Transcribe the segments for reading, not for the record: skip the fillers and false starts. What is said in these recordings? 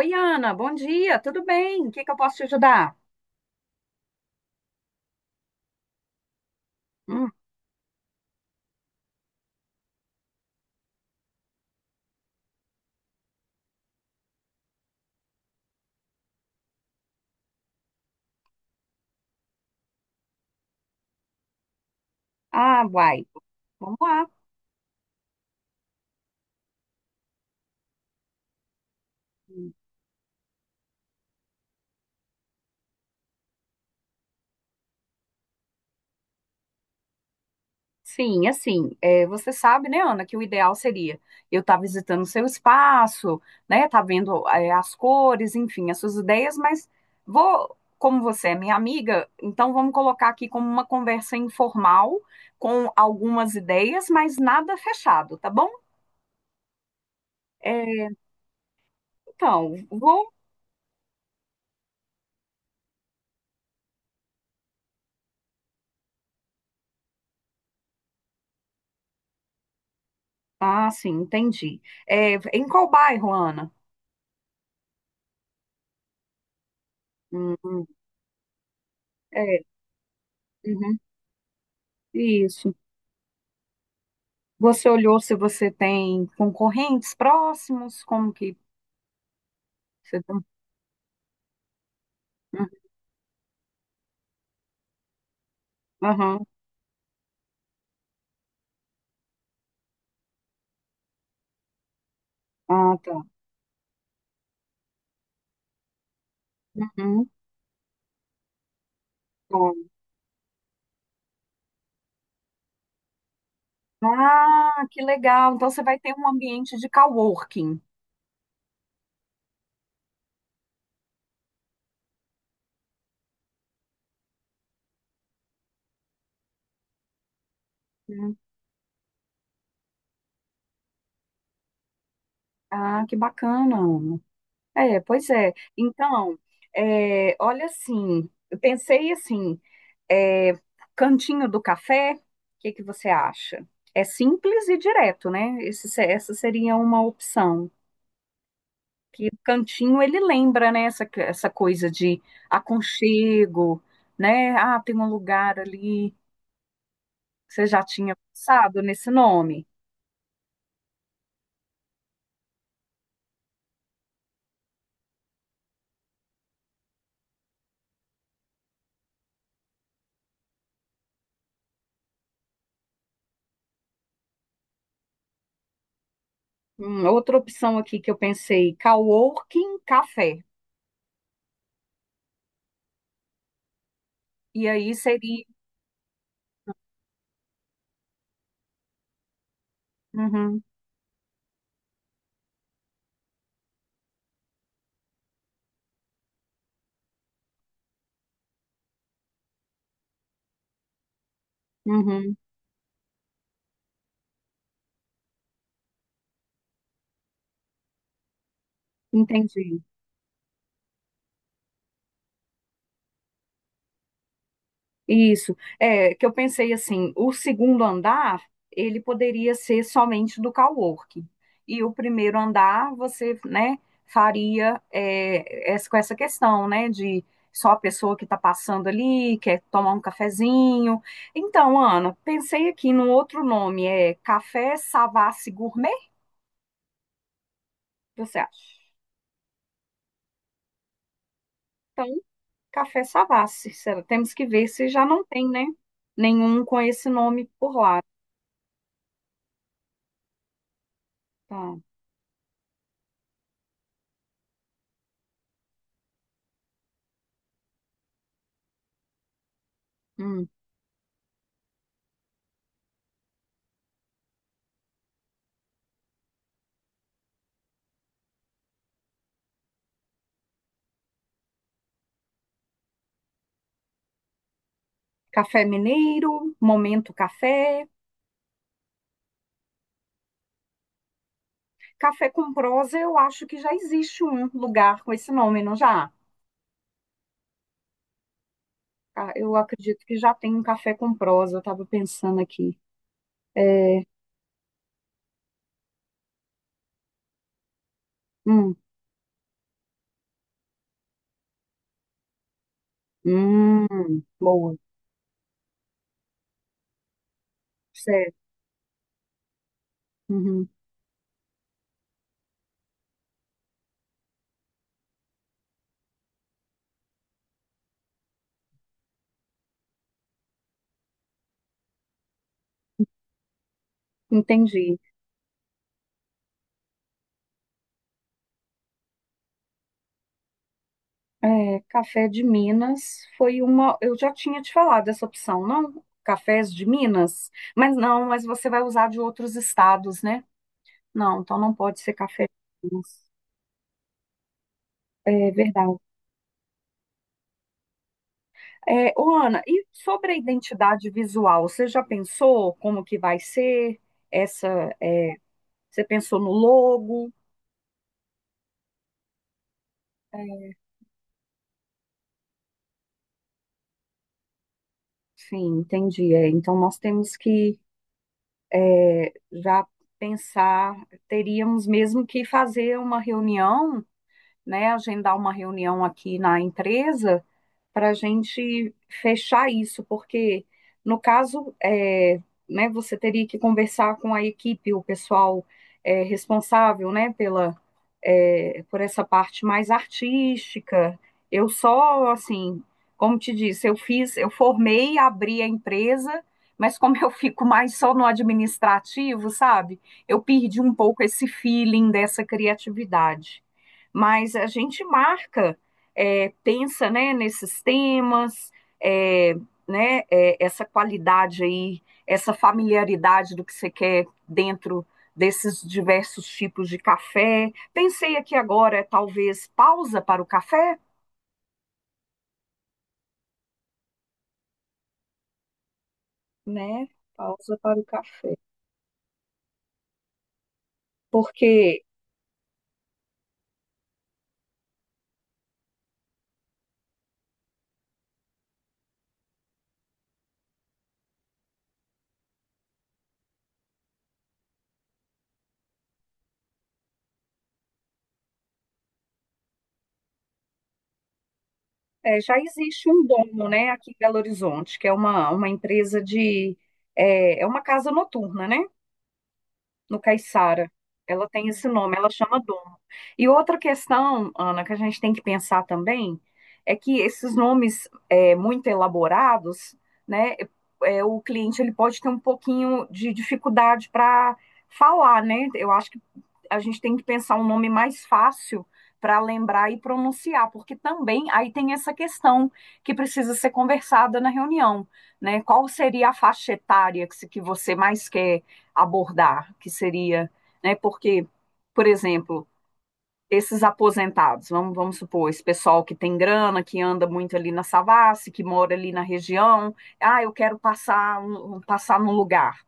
Oi, Ana, bom dia, tudo bem? O que que eu posso te ajudar? Hum, ah, uai, Vamos lá. Sim, assim, você sabe, né, Ana, que o ideal seria eu estar visitando o seu espaço, né, tá vendo, as cores, enfim, as suas ideias, mas vou, como você é minha amiga, então vamos colocar aqui como uma conversa informal, com algumas ideias, mas nada fechado, tá bom? É, então, vou. Ah, sim, entendi. É, em qual bairro, Ana? Hum, hum. É, uhum, isso. Você olhou se você tem concorrentes próximos? Como que você tá? Aham, ah, tá. Uhum, bom. Ah, que legal. Então você vai ter um ambiente de coworking, né? Ah, que bacana, Ana. É, pois é. Então, olha assim, eu pensei assim, é, cantinho do café, o que que você acha? É simples e direto, né? Esse, se- Essa seria uma opção, que o cantinho ele lembra, né, essa coisa de aconchego, né? Ah, tem um lugar ali. Você já tinha pensado nesse nome? Outra opção aqui que eu pensei, coworking café. E aí seria. Uhum, uhum, entendi. Isso. É que eu pensei assim, o segundo andar, ele poderia ser somente do coworking. E o primeiro andar, você, né, faria essa, com essa questão, né, de só a pessoa que está passando ali, quer tomar um cafezinho. Então, Ana, pensei aqui num outro nome, é Café Savassi Gourmet, você acha? Então, Café Savassi, será? Temos que ver se já não tem, né, nenhum com esse nome por lá. Tá. Hum. Café Mineiro, Momento Café. Café com Prosa, eu acho que já existe um lugar com esse nome, não já? Ah, eu acredito que já tem um Café com Prosa, eu estava pensando aqui. É, hum, boa, certo. Uhum, entendi. É, café de Minas foi uma. Eu já tinha te falado essa opção, não? Cafés de Minas? Mas não, mas você vai usar de outros estados, né? Não, então não pode ser café de Minas. É verdade. É, ô, Ana, e sobre a identidade visual, você já pensou como que vai ser essa? é, Você pensou no logo? É, sim, entendi. É, então nós temos que é, já pensar, teríamos mesmo que fazer uma reunião, né? Agendar uma reunião aqui na empresa para a gente fechar isso, porque no caso, é, né, você teria que conversar com a equipe, o pessoal responsável, né, pela, por essa parte mais artística. Eu só, assim, como te disse, eu fiz, eu formei, abri a empresa, mas como eu fico mais só no administrativo, sabe? Eu perdi um pouco esse feeling dessa criatividade. Mas a gente marca, pensa né, nesses temas, é, né, essa qualidade aí, essa familiaridade do que você quer dentro desses diversos tipos de café. Pensei aqui agora, talvez, pausa para o café, né? Pausa para o café. Porque já existe um Domo, né, aqui em Belo Horizonte, que é uma empresa de. É, é uma casa noturna, né? No Caiçara. Ela tem esse nome, ela chama Domo. E outra questão, Ana, que a gente tem que pensar também é que esses nomes muito elaborados, né, o cliente ele pode ter um pouquinho de dificuldade para falar, né? Eu acho que a gente tem que pensar um nome mais fácil para lembrar e pronunciar, porque também aí tem essa questão que precisa ser conversada na reunião, né? Qual seria a faixa etária que que você mais quer abordar, que seria, né, porque, por exemplo, esses aposentados, vamos supor, esse pessoal que tem grana, que anda muito ali na Savassi, que mora ali na região, ah, eu quero passar, passar num lugar,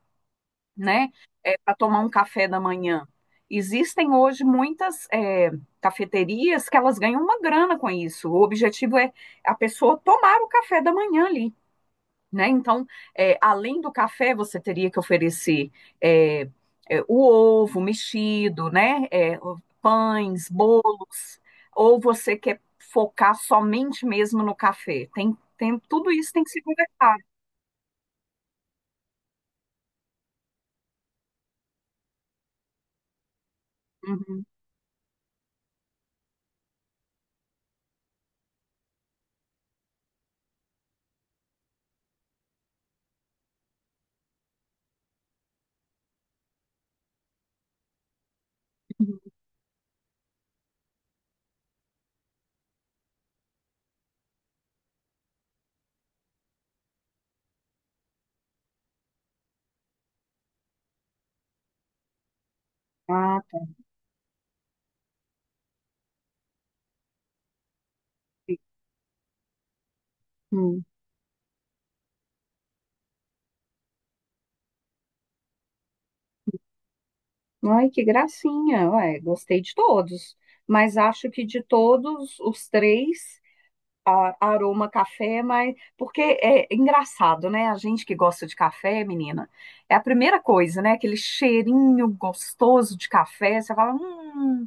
né, para tomar um café da manhã. Existem hoje muitas cafeterias que elas ganham uma grana com isso. O objetivo é a pessoa tomar o café da manhã ali, né? Então, além do café, você teria que oferecer é, o ovo mexido, né? É, pães, bolos, ou você quer focar somente mesmo no café? Tudo isso tem que ser conversado. Uhum. Ah, tá. Hum. Ai, que gracinha. Ué, gostei de todos. Mas acho que de todos os três, aroma café, mas porque é engraçado, né? A gente que gosta de café, menina, é a primeira coisa, né? Aquele cheirinho gostoso de café, você fala,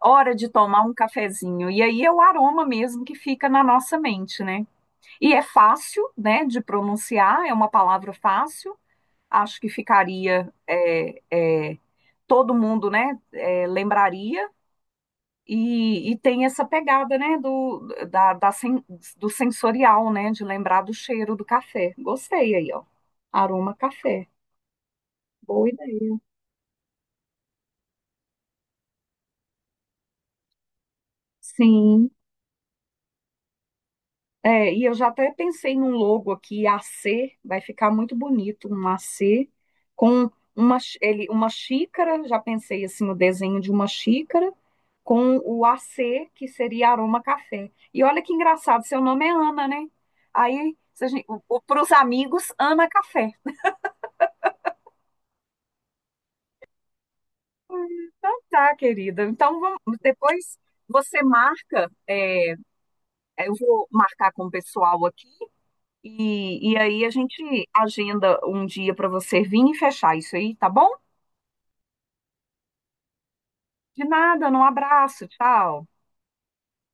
hora de tomar um cafezinho. E aí é o aroma mesmo que fica na nossa mente, né? E é fácil, né, de pronunciar, é uma palavra fácil. Acho que ficaria todo mundo, né, lembraria. E tem essa pegada, né, do, da, do sensorial, né, de lembrar do cheiro do café. Gostei aí, ó. Aroma Café. Boa ideia. Sim. É, e eu já até pensei num logo aqui, AC, vai ficar muito bonito, um AC com uma, uma xícara, já pensei assim no desenho de uma xícara, com o AC, que seria Aroma Café. E olha que engraçado, seu nome é Ana, né? Aí, para os amigos, Ana Café. Então tá, querida. Então vamos, depois você marca, é, eu vou marcar com o pessoal aqui e aí a gente agenda um dia para você vir e fechar isso aí, tá bom? De nada, um abraço, tchau.